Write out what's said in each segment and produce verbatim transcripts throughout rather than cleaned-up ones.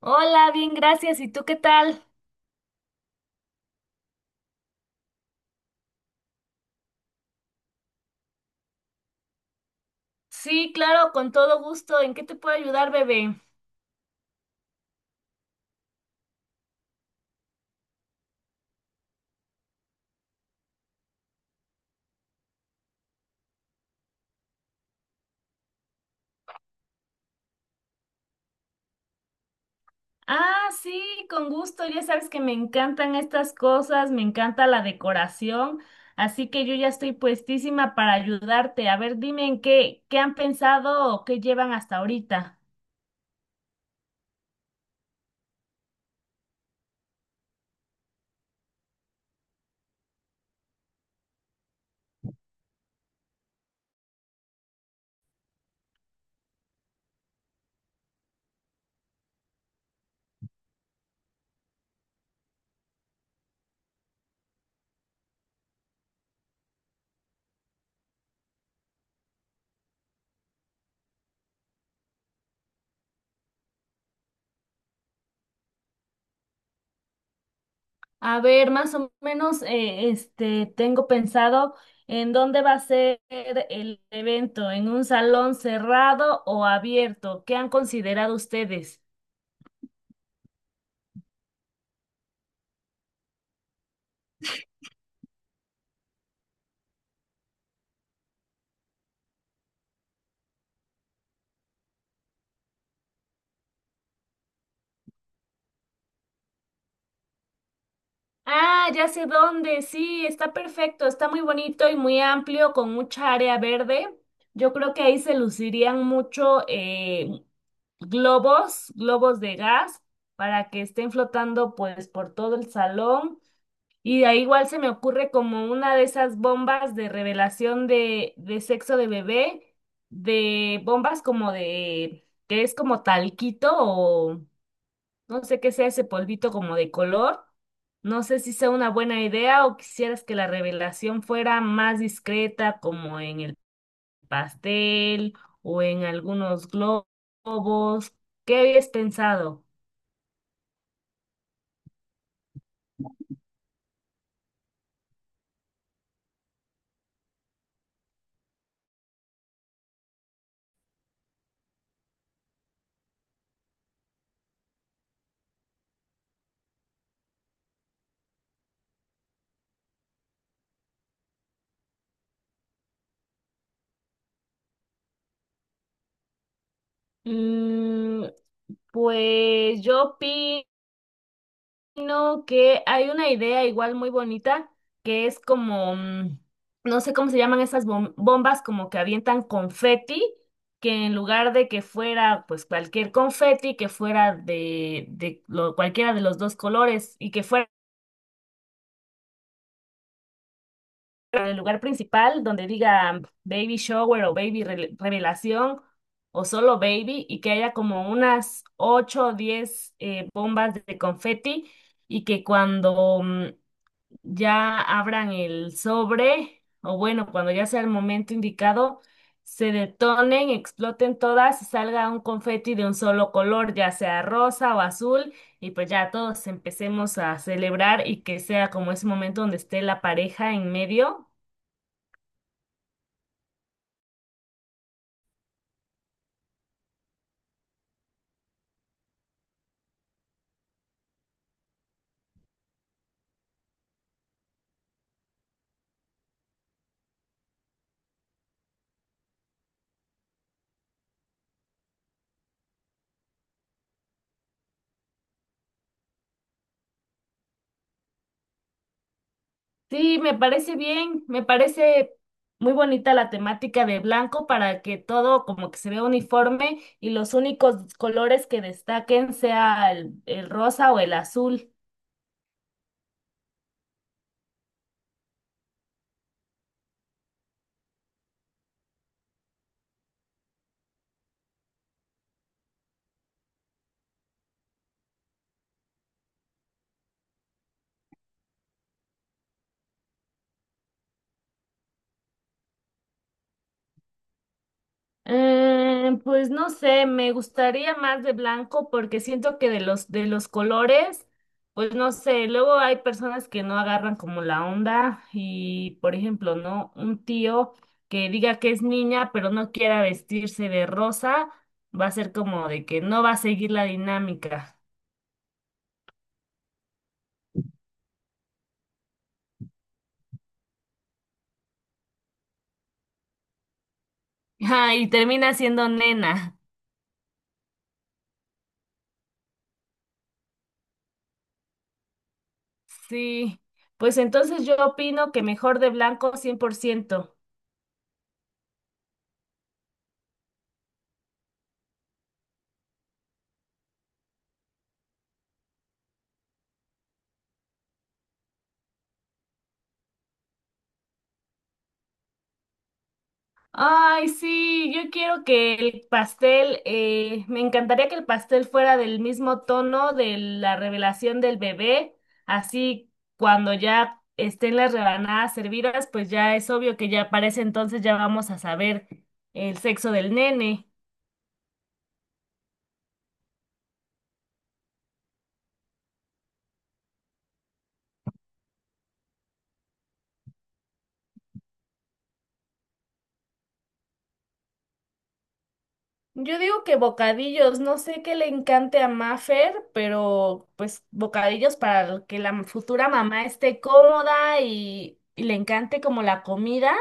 Hola, bien, gracias. ¿Y tú qué tal? Sí, claro, con todo gusto. ¿En qué te puedo ayudar, bebé? Ah, sí, con gusto. Ya sabes que me encantan estas cosas, me encanta la decoración, así que yo ya estoy puestísima para ayudarte. A ver, dime en qué, qué han pensado o qué llevan hasta ahorita. A ver, más o menos, eh, este, tengo pensado en dónde va a ser el evento, en un salón cerrado o abierto. ¿Qué han considerado ustedes? Ah, ya sé dónde, sí, está perfecto, está muy bonito y muy amplio, con mucha área verde. Yo creo que ahí se lucirían mucho eh, globos, globos de gas, para que estén flotando pues por todo el salón. Y ahí igual se me ocurre como una de esas bombas de revelación de, de sexo de bebé, de bombas como de, que es como talquito o... No sé qué sea ese polvito como de color. No sé si sea una buena idea o quisieras que la revelación fuera más discreta, como en el pastel o en algunos glo- globos. ¿Qué habías pensado? Mm, pues yo sino que hay una idea igual muy bonita que es como, mm, no sé cómo se llaman esas bom- bombas, como que avientan confeti, que en lugar de que fuera pues cualquier confeti, que fuera de, de lo- cualquiera de los dos colores y que fuera el lugar principal donde diga baby shower o baby re- revelación o solo baby y que haya como unas ocho o diez eh, bombas de confeti y que cuando mm, ya abran el sobre, o bueno, cuando ya sea el momento indicado, se detonen, exploten todas y salga un confeti de un solo color, ya sea rosa o azul, y pues ya todos empecemos a celebrar y que sea como ese momento donde esté la pareja en medio. Sí, me parece bien, me parece muy bonita la temática de blanco para que todo como que se vea uniforme y los únicos colores que destaquen sea el el rosa o el azul. Eh, pues no sé, me gustaría más de blanco porque siento que de los de los colores, pues no sé, luego hay personas que no agarran como la onda y por ejemplo, ¿no? Un tío que diga que es niña pero no quiera vestirse de rosa, va a ser como de que no va a seguir la dinámica. Ah, y termina siendo nena. Sí, pues entonces yo opino que mejor de blanco cien por ciento. Ay, sí, yo quiero que el pastel, eh, me encantaría que el pastel fuera del mismo tono de la revelación del bebé, así cuando ya estén las rebanadas servidas, pues ya es obvio que ya para ese entonces ya vamos a saber el sexo del nene. Yo digo que bocadillos, no sé qué le encante a Mafer, pero pues bocadillos para que la futura mamá esté cómoda y, y le encante como la comida.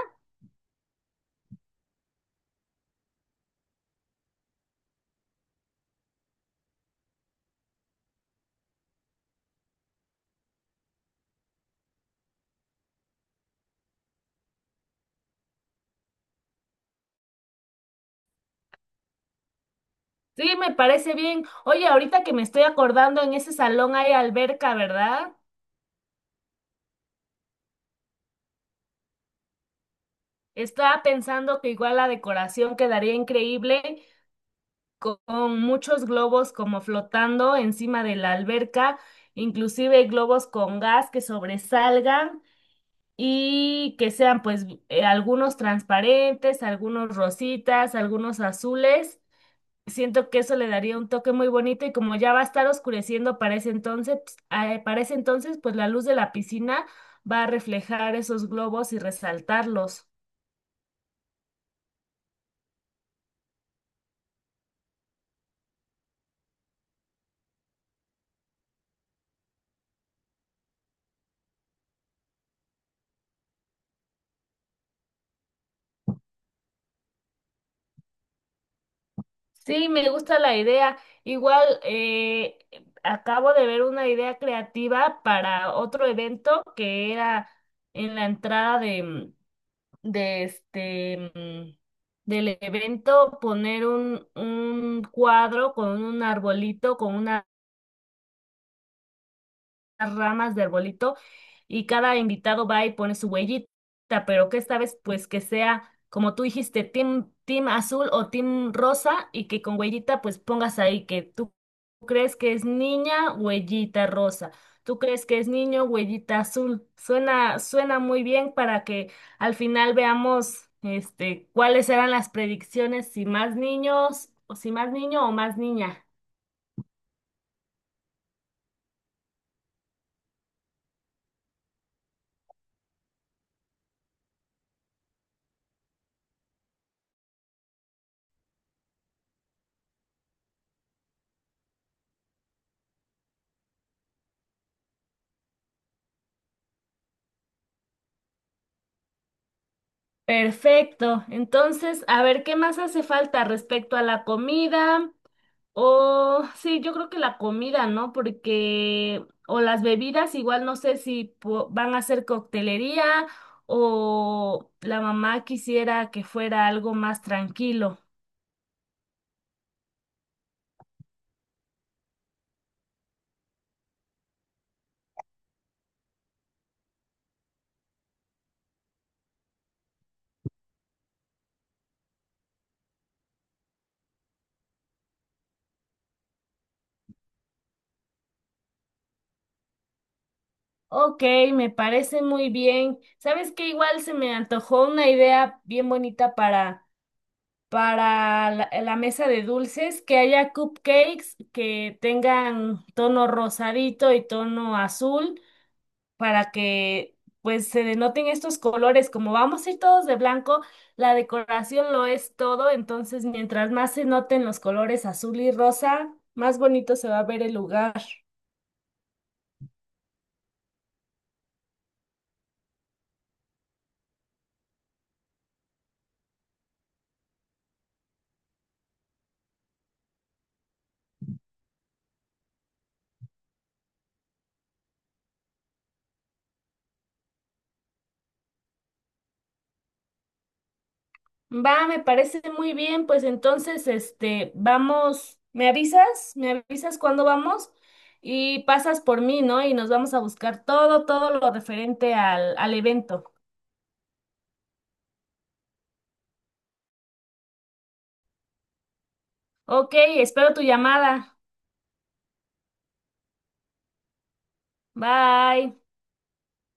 Sí, me parece bien. Oye, ahorita que me estoy acordando, en ese salón hay alberca, ¿verdad? Estaba pensando que igual la decoración quedaría increíble con, con muchos globos como flotando encima de la alberca, inclusive globos con gas que sobresalgan y que sean pues eh, algunos transparentes, algunos rositas, algunos azules. Siento que eso le daría un toque muy bonito y como ya va a estar oscureciendo para ese entonces, pues, ah, para ese entonces, pues la luz de la piscina va a reflejar esos globos y resaltarlos. Sí, me gusta la idea. Igual eh, acabo de ver una idea creativa para otro evento que era en la entrada de, de este mm, del evento poner un, un cuadro con un arbolito, con una las ramas de arbolito y cada invitado va y pone su huellita, pero que esta vez pues que sea, como tú dijiste, team, team azul o team rosa y que con huellita pues pongas ahí que tú crees que es niña, huellita rosa. Tú crees que es niño, huellita azul. Suena, suena muy bien para que al final veamos este cuáles eran las predicciones, si más niños o si más niño o más niña. Perfecto. Entonces, a ver, ¿qué más hace falta respecto a la comida? O sí, yo creo que la comida, ¿no? Porque, o las bebidas, igual no sé si po- van a hacer coctelería o la mamá quisiera que fuera algo más tranquilo. Ok, me parece muy bien. ¿Sabes qué? Igual se me antojó una idea bien bonita para para la, la mesa de dulces, que haya cupcakes que tengan tono rosadito y tono azul para que pues se denoten estos colores. Como vamos a ir todos de blanco, la decoración lo es todo, entonces mientras más se noten los colores azul y rosa, más bonito se va a ver el lugar. Va, me parece muy bien, pues entonces, este, vamos, me avisas, me avisas cuándo vamos y pasas por mí, ¿no? Y nos vamos a buscar todo, todo lo referente al, al evento. Ok, espero tu llamada. Bye.